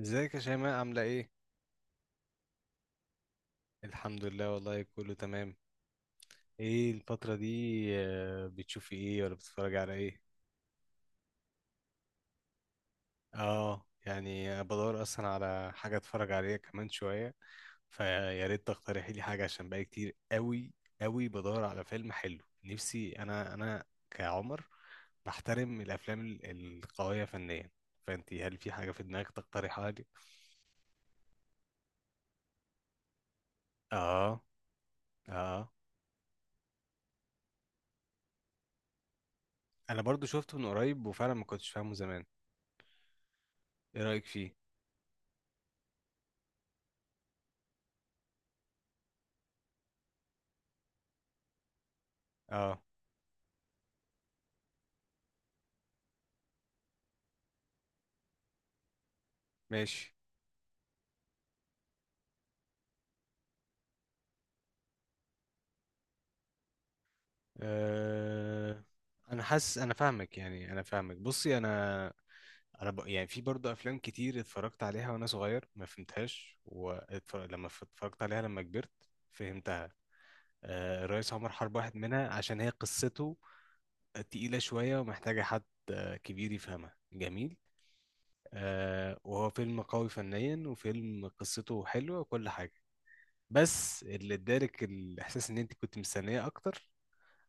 ازيك يا شيماء عاملة ايه؟ الحمد لله والله كله تمام. ايه الفترة دي؟ بتشوفي ايه ولا بتتفرجي على ايه؟ اه، يعني أنا بدور اصلا على حاجة اتفرج عليها كمان شوية، فيا ريت تقترحي لي حاجة عشان بقى كتير قوي قوي بدور على فيلم حلو، نفسي انا كعمر بحترم الافلام القوية فنيا، فانتي هل في حاجة في دماغك تقترحها لي؟ اه، اه، انا برضو شفته من قريب وفعلا ما كنتش فاهمه زمان. ايه رأيك فيه؟ اه، ماشي. أه... انا حاسس انا فاهمك، يعني انا فاهمك، بصي انا، انا ب... يعني في برضه افلام كتير اتفرجت عليها وانا صغير ما فهمتهاش، لما اتفرجت عليها لما كبرت فهمتها. الريس عمر حرب واحد منها عشان هي قصته تقيلة شوية ومحتاجة حد كبير يفهمها. جميل. وهو فيلم قوي فنيا، وفيلم قصته حلوة وكل حاجة، بس اللي ادالك الاحساس ان انت كنت مستنية اكتر،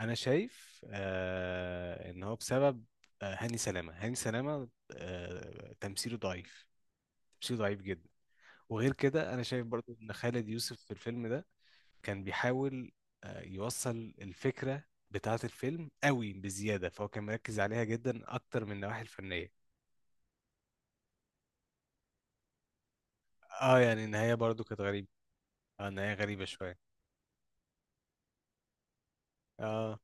انا شايف ان هو بسبب هاني سلامه، هاني سلامه تمثيله ضعيف، تمثيله ضعيف جدا. وغير كده انا شايف برضو ان خالد يوسف في الفيلم ده كان بيحاول يوصل الفكره بتاعه الفيلم قوي بزياده، فهو كان مركز عليها جدا اكتر من النواحي الفنيه. اه، يعني النهايه برضو كانت غريبه، اه النهايه غريبه شويه. اه،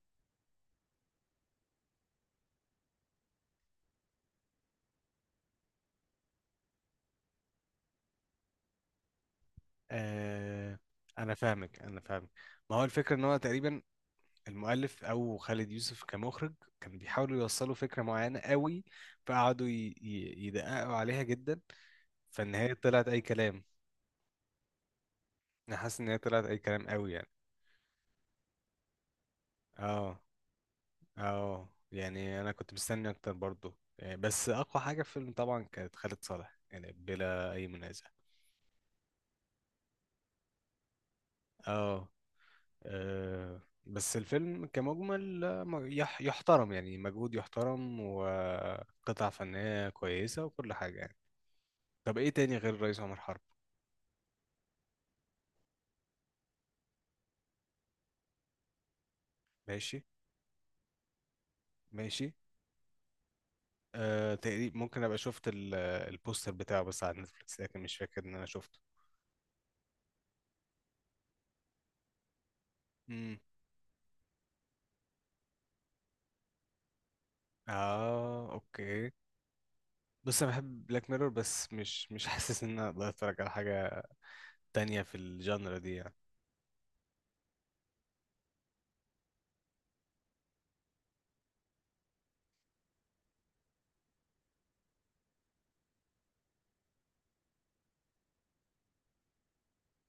آه، انا فاهمك انا فاهمك. ما هو الفكره ان هو تقريبا المؤلف او خالد يوسف كمخرج كان بيحاولوا يوصلوا فكره معينه قوي، فقعدوا يدققوا عليها جدا، فالنهايه طلعت اي كلام. انا حاسس ان هي طلعت اي كلام قوي يعني. اه، اه يعني انا كنت مستني اكتر برضو يعني، بس اقوى حاجه في الفيلم طبعا كانت خالد صالح يعني، بلا اي منازع. اه. آه، بس الفيلم كمجمل يحترم، يعني مجهود يحترم وقطع فنية كويسة وكل حاجة يعني. طب ايه تاني غير الرئيس عمر حرب؟ ماشي، ماشي. آه، تقريبا ممكن ابقى شفت البوستر بتاعه بس على نتفليكس، لكن مش فاكر ان انا شفته. امم، اه، اوكي. بص انا بحب بلاك ميرور، بس مش حاسس ان انا اقدر اتفرج على حاجه تانية في الجانرا دي يعني.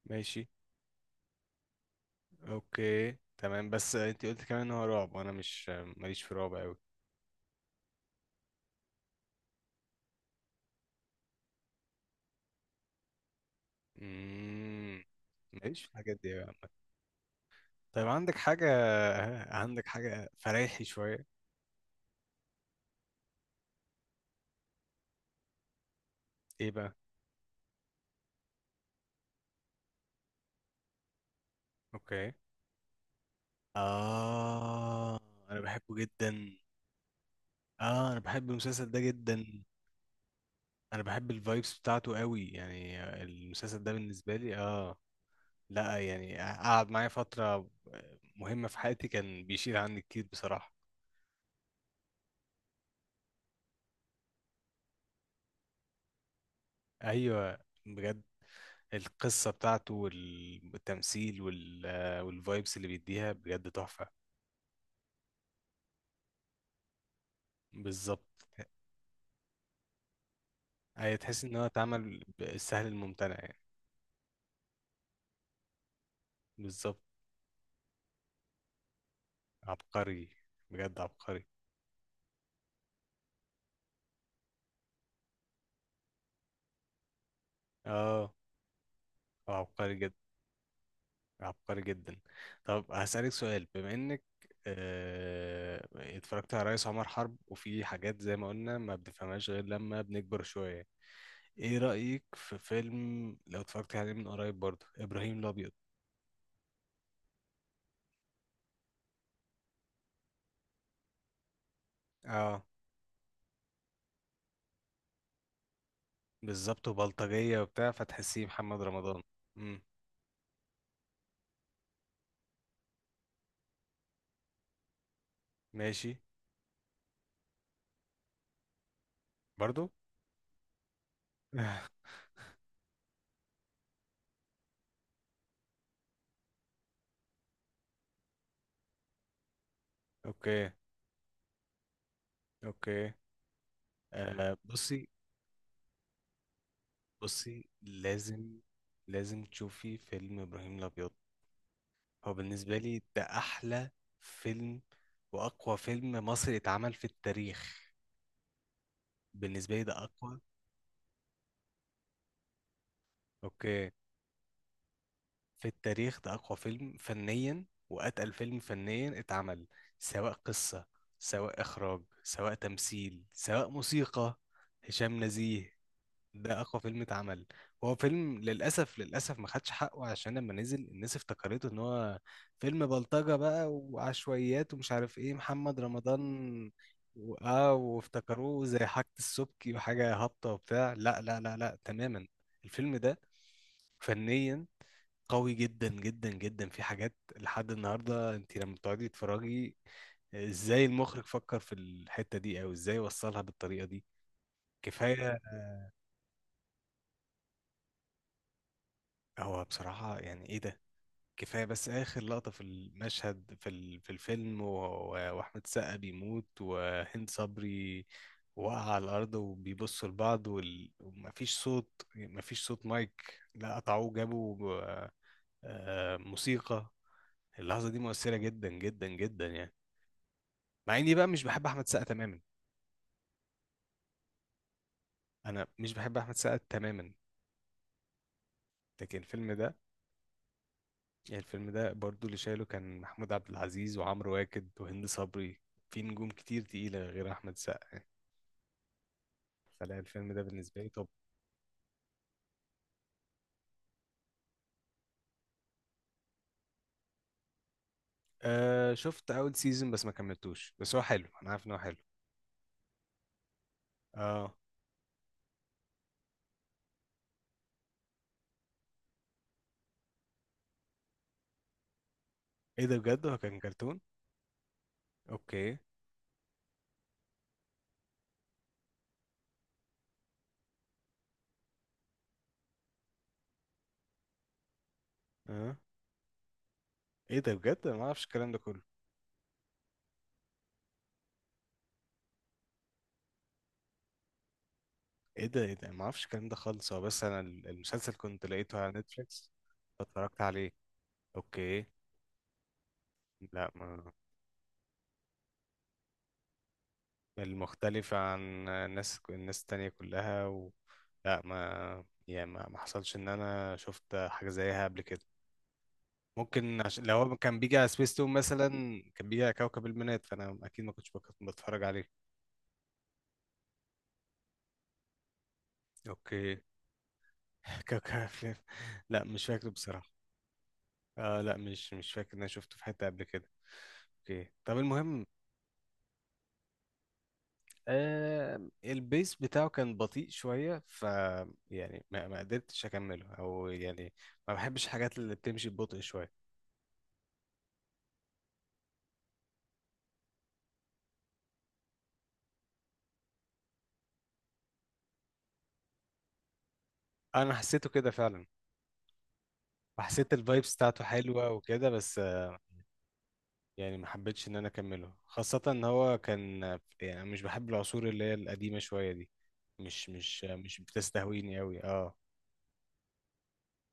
ماشي. اوكي تمام، بس انت قلت كمان ان هو رعب وانا مش ماليش في رعب قوي. امم. ماليش في الحاجات دي أوي عامة. طيب عندك حاجه فريحي شويه؟ ايه بقى؟ اوكي. آه، أنا بحبه جدا. آه، أنا بحب المسلسل ده جدا. أنا بحب الفايبس بتاعته قوي يعني، المسلسل ده بالنسبة لي لا يعني قعد معايا فترة مهمة في حياتي، كان بيشيل عني كتير بصراحة. أيوة، بجد. القصة بتاعته والتمثيل والفايبس اللي بيديها بجد تحفة. بالظبط. أيوة تحس إن هو اتعمل بالسهل الممتنع يعني. بالظبط. عبقري، بجد عبقري. اه، هو عبقري جدا، عبقري جدا. طب هسألك سؤال، بما انك اتفرجت على رئيس عمر حرب، وفي حاجات زي ما قلنا ما بنفهمهاش غير لما بنكبر شوية، ايه رأيك في فيلم لو اتفرجت عليه من قريب برضه ابراهيم الابيض؟ اه. بالظبط، وبلطجية وبتاع فتحسيه محمد رمضان. امم، ماشي، برضه. اوكي، اوكي. آه، بصي لازم تشوفي فيلم ابراهيم الابيض. هو بالنسبة لي ده أحلى فيلم وأقوى فيلم مصري اتعمل في التاريخ، بالنسبة لي ده أقوى. أوكي. في التاريخ ده أقوى فيلم فنيا وأتقل فيلم فنيا اتعمل، سواء قصة سواء إخراج سواء تمثيل سواء موسيقى. هشام نزيه. ده اقوى فيلم اتعمل. هو فيلم للاسف، للاسف ما خدش حقه عشان لما نزل الناس افتكرته ان هو فيلم بلطجة بقى وعشوائيات ومش عارف ايه محمد رمضان اه وافتكروه زي حاجة السبكي وحاجة هابطة وبتاع. لا، لا، لا، لا، تماما. الفيلم ده فنيا قوي جدا جدا جدا، في حاجات لحد النهارده انت لما بتقعدي تتفرجي ازاي المخرج فكر في الحتة دي، او ازاي وصلها بالطريقة دي. كفاية. هو بصراحة يعني ايه ده. كفاية بس آخر لقطة في المشهد في في الفيلم وأحمد السقا بيموت وهند صبري وقع على الأرض وبيبصوا لبعض ومفيش صوت، مفيش صوت مايك، لا قطعوه جابوا موسيقى. اللحظة دي مؤثرة جدا جدا جدا يعني. مع إني بقى مش بحب أحمد السقا تماما. أنا مش بحب أحمد السقا تماما. لكن الفيلم ده يعني الفيلم ده برضو اللي شايله كان محمود عبد العزيز وعمرو واكد وهند صبري. في نجوم كتير تقيلة غير أحمد سقا يعني. فلا الفيلم ده بالنسبة لي. طب آه، شفت أول سيزون بس ما كملتوش، بس هو حلو أنا عارف إن هو حلو. اه، إيه ده بجد هو كان كرتون؟ أوكي. اه، إيه ده بجد أنا ما أعرفش الكلام ده كله. إيه ده، إيه ده، ما أعرفش الكلام ده خالص. هو بس أنا المسلسل كنت لقيته على نتفليكس فاتفرجت عليه. أوكي. لا ما المختلفة عن الناس التانية كلها لا، ما يعني ما حصلش ان انا شفت حاجة زيها قبل كده. ممكن عشان لو هو كان بيجي على سبيس تون مثلا، كان بيجي على كوكب المنات فانا اكيد ما كنتش بتفرج عليه. اوكي. كوكب الفلام. لا، مش فاكره بصراحة. آه، لا، مش فاكر ان انا شفته في حتة قبل كده. اوكي طب المهم. آه، البيس بتاعه كان بطيء شوية، ف يعني ما قدرتش أكمله، أو يعني ما بحبش الحاجات اللي بتمشي ببطء شوية. أنا حسيته كده فعلا، وحسيت الفايبس بتاعته حلوة وكده، بس يعني ما حبيتش إن أنا أكمله، خاصة إن هو كان يعني أنا مش بحب العصور اللي هي القديمة شوية دي، مش بتستهويني أوي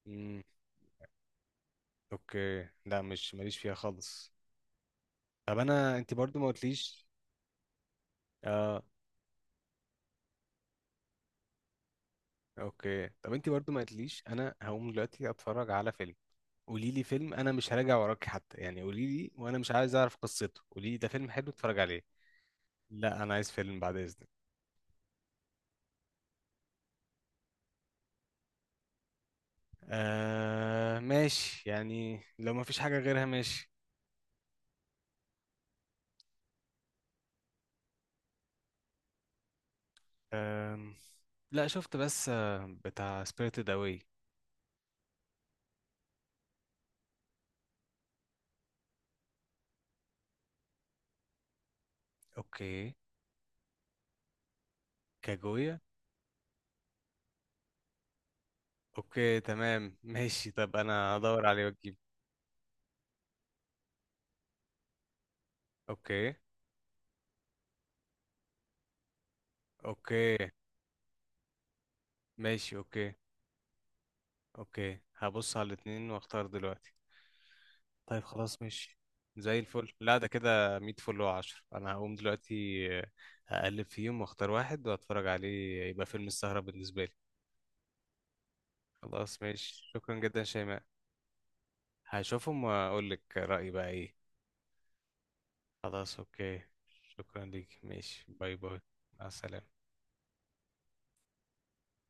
مم. أوكي، لا، مش ماليش فيها خالص. طب أنت برضو ما قلتليش. اه، اوكي طب انت برضو ما قلتليش. انا هقوم دلوقتي اتفرج على فيلم. قولي لي فيلم، انا مش هراجع وراكي حتى يعني، قولي لي، وانا مش عايز اعرف قصته، قولي لي ده فيلم حلو اتفرج عليه. لا، انا عايز فيلم بعد اذنك. آه ماشي، يعني لو ما فيش حاجه غيرها ماشي. آه، لا شفت، بس بتاع سبيريتد اواي. اوكي. كاجويا. اوكي تمام ماشي، طب انا هدور عليه واجيب. اوكي. اوكي. ماشي اوكي. اوكي، هبص على الاتنين واختار دلوقتي. طيب خلاص ماشي، زي الفل، لا ده كده 100 فل وعشر. انا هقوم دلوقتي اقلب فيهم واختار واحد واتفرج عليه يبقى فيلم السهرة بالنسبة لي. خلاص ماشي، شكرا جدا يا شيماء. هشوفهم واقول لك رأيي بقى ايه. خلاص اوكي. شكرا ليك، ماشي، باي باي. مع السلامة.